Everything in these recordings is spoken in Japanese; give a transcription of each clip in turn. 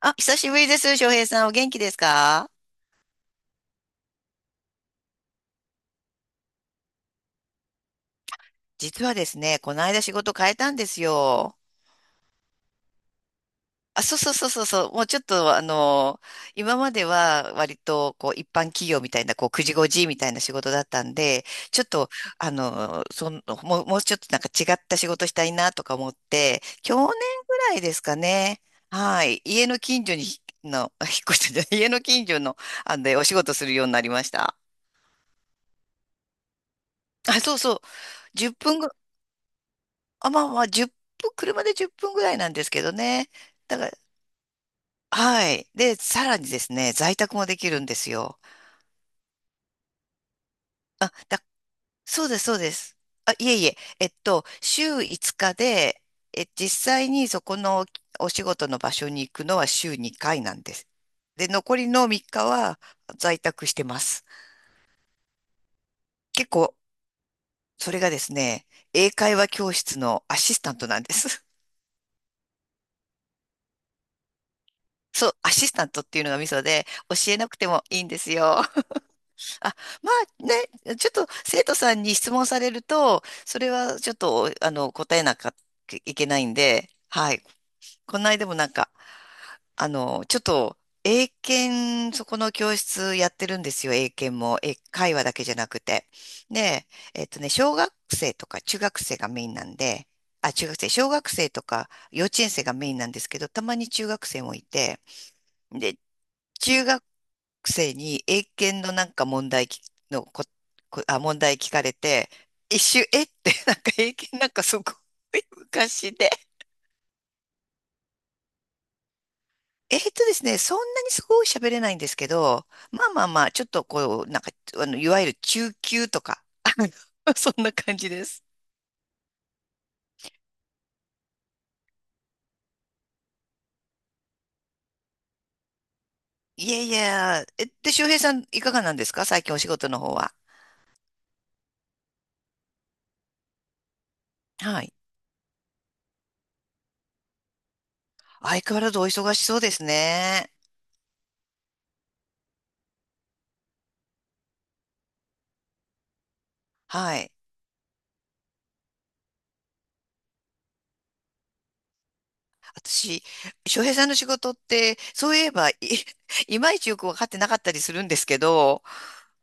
あ、久しぶりです、翔平さん。お元気ですか？実はですね、この間仕事変えたんですよ。あ、そうそうそうそうそう。もうちょっと、今までは割と、こう、一般企業みたいな、こう、9時5時みたいな仕事だったんで、ちょっと、もうちょっとなんか違った仕事したいなとか思って、去年ぐらいですかね。はい。家の近所に、引っ越したじゃない、家の近所の、でお仕事するようになりました。あ、そうそう。10分ぐあ、まあまあ、1分、車で10分ぐらいなんですけどね。だから、はい。で、さらにですね、在宅もできるんですよ。だ、そうです、そうです。あ、いえいえ、週5日で、実際にそこのお仕事の場所に行くのは週2回なんです。で、残りの3日は在宅してます。結構、それがですね、英会話教室のアシスタントなんです。そう、アシスタントっていうのがミソで、教えなくてもいいんですよ。あ、まあね、ちょっと生徒さんに質問されると、それはちょっと、答えなきゃいけないんで、はい。この間もなんか、あの、ちょっと、英検、そこの教室やってるんですよ、英検も。英会話だけじゃなくて。で、小学生とか中学生がメインなんで、あ、中学生、小学生とか幼稚園生がメインなんですけど、たまに中学生もいて、で、中学くせに、英検のなんか問題きのこ、こ、あ、問題聞かれて、一瞬、えって、なんか英検なんかすごい昔で。えーとですね、そんなにすごい喋れないんですけど、まあまあまあ、ちょっとこう、なんか、あの、いわゆる中級とか、そんな感じです。いやいや、周平さん、いかがなんですか、最近お仕事の方は。はい。相変わらずお忙しそうですね。はい。私、翔平さんの仕事って、そういえばいまいちよく分かってなかったりするんですけど、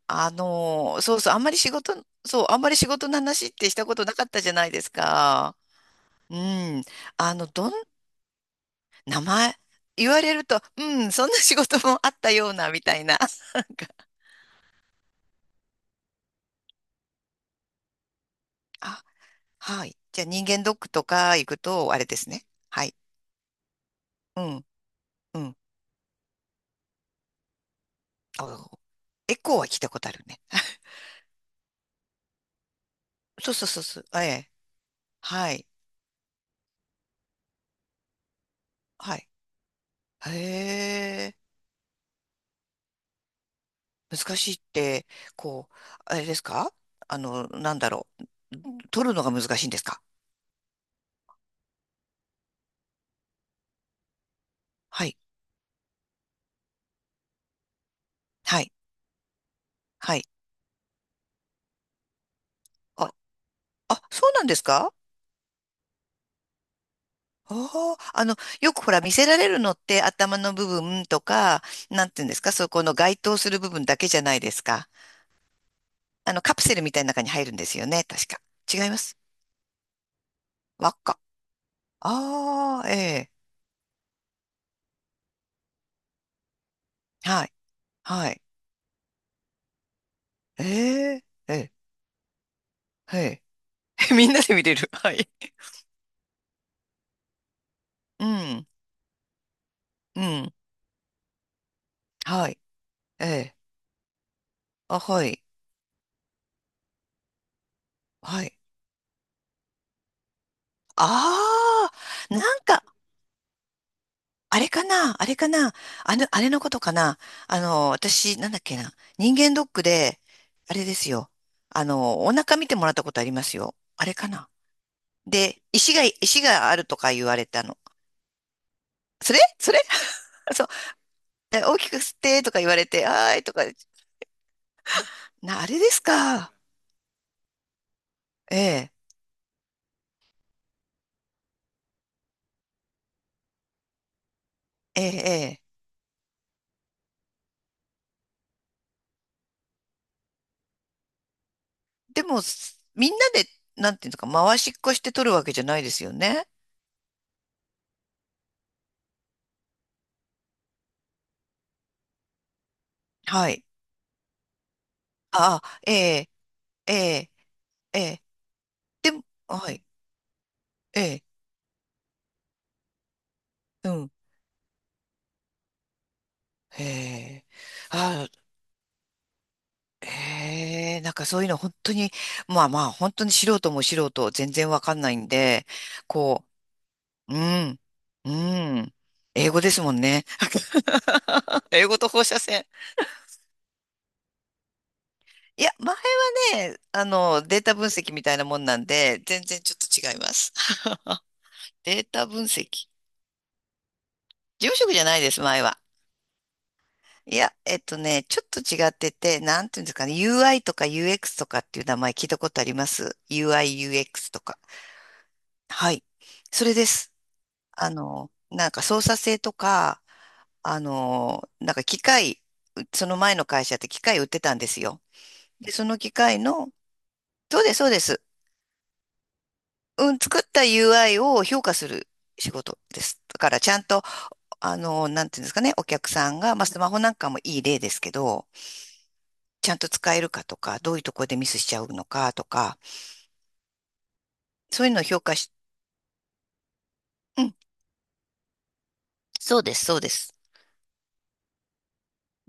あんまり仕事、そう、あんまり仕事の話ってしたことなかったじゃないですか。うん。あの、どん、名前、言われると、うん、そんな仕事もあったような、みたいな。あ、はい。じゃあ人間ドックとか行くと、あれですね。はい。うん、うん。あ、エコーは聞いたことあるね。そうそうそうそう。ええ。はい。はい。へ、難しいって、こう、あれですか？なんだろう、取るのが難しいんですか？はい。はい。はい。あ、あ、そうなんですか？あ、あの、よくほら見せられるのって頭の部分とか、なんていうんですか、そこの該当する部分だけじゃないですか。あの、カプセルみたいな中に入るんですよね、確か。違います。輪っか。ああ、ええ。はい。はい。ええ。ええ。ええ。みんなで見れる。はい。うん。うん。はい。ええ。あ、はい。はい。ああ、なんか、あれかな、あれのことかな。私、なんだっけな、人間ドックで、あれですよ。あの、お腹見てもらったことありますよ。あれかな。で、石があるとか言われたの。それそれ そう。で、大きく吸ってとか言われて、はーいとか、な、あれですか。ええ、ええ、ええ。でも、すみんなで、なんていうのか、回しっこして取るわけじゃないですよね。はい。ああ、ええ、ええ、ええ、でも、はい、ええ、うん、へえ、あ、へえ、なんかそういうの本当に、本当に素人も素人、全然わかんないんで、こうん、うん、英語ですもんね。英語と放射線。いや、前はね、データ分析みたいなもんなんで、全然ちょっと違います。データ分析。事務職じゃないです、前は。いや、ちょっと違ってて、なんていうんですかね、UI とか UX とかっていう名前聞いたことあります？ UI、UX とか。はい。それです。なんか操作性とか、あの、なんか機械、その前の会社って機械売ってたんですよ。で、その機械の、そうです、そうです。うん、作った UI を評価する仕事です。だからちゃんと、なんていうんですかね、お客さんが、まあ、スマホなんかもいい例ですけど、ちゃんと使えるかとか、どういうところでミスしちゃうのかとか、そういうのを評価し、うん、そうです、そうです。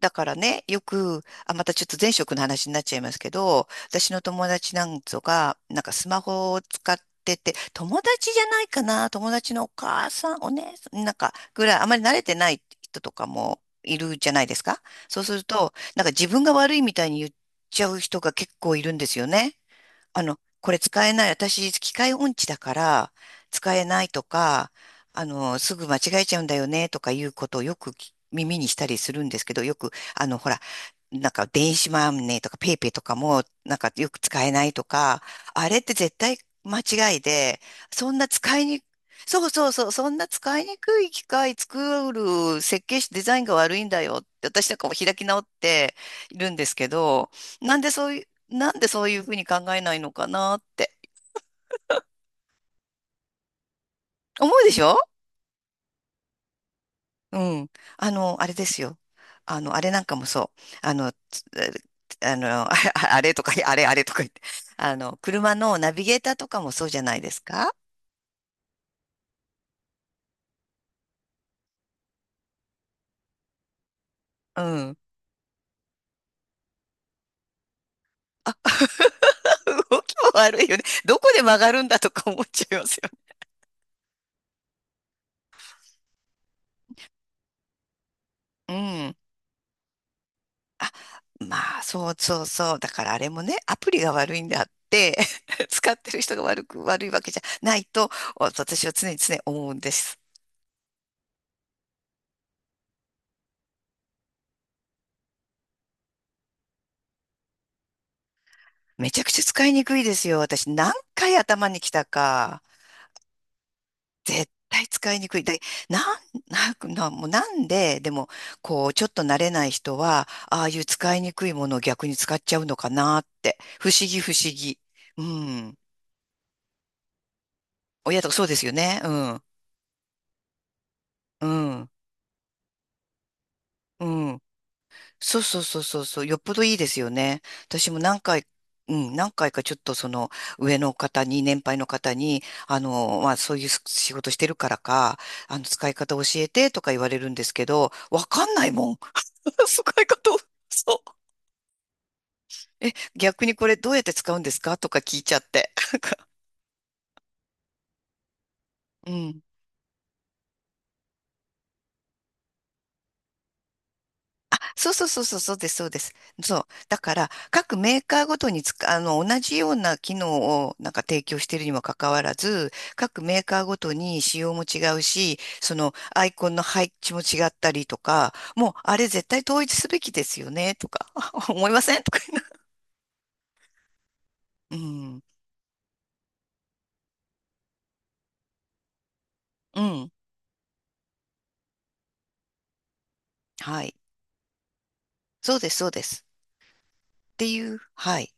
だからね、よく、あ、またちょっと前職の話になっちゃいますけど、私の友達なんぞが、なんかスマホを使ってて、友達じゃないかな、友達のお母さん、お姉さん、なんか、ぐらい、あまり慣れてない人とかもいるじゃないですか。そうすると、なんか自分が悪いみたいに言っちゃう人が結構いるんですよね。あの、これ使えない、私、機械音痴だから、使えないとか、すぐ間違えちゃうんだよね、とかいうことをよく耳にしたりするんですけど、よく、なんか電子マネーとかペイペイとかも、なんかよく使えないとか、あれって絶対間違いで、そんな使いに、そうそうそう、そんな使いにくい機械作る設計士デザインが悪いんだよって、私なんかも開き直っているんですけど、なんでそうなんでそういうふうに考えないのかなって思うでしょ？うん。あの、あれですよ。あの、あれなんかもそう。あの、つあの、あれとか、あれあれとか言って。あの、車のナビゲーターとかもそうじゃないですか？うん。動きも悪いよね。どこで曲がるんだとか思っちゃいますよ。うん。まあ、そうそうそう。だからあれもね、アプリが悪いんであって、使ってる人が悪く、悪いわけじゃないと、私は常に常に思うんです。めちゃくちゃ使いにくいですよ。私、何回頭に来たか。絶対使いにくい。で、なん、なんななもうなんで、でも、こう、ちょっと慣れない人は、ああいう使いにくいものを逆に使っちゃうのかなって。不思議、不思議。うん。親とかそうですよね。うん。うん。うん。そうそうそうそうそう、よっぽどいいですよね。私も何回、うん、何回かちょっとその上の方に、年配の方に、あの、まあそういう仕事してるからか、使い方教えてとか言われるんですけど、わかんないもん。使い方を、そう。逆にこれどうやって使うんですかとか聞いちゃって。うん。あ、そうそうそうそう、そうです、そうです。そう。だから、各メーカーごとにつく、あの、同じような機能をなんか提供しているにもかかわらず、各メーカーごとに仕様も違うし、そのアイコンの配置も違ったりとか、もう、あれ絶対統一すべきですよね、とか、思いませんとか言うの。うん、うん、はい。そうです、そうです。っていう、はい。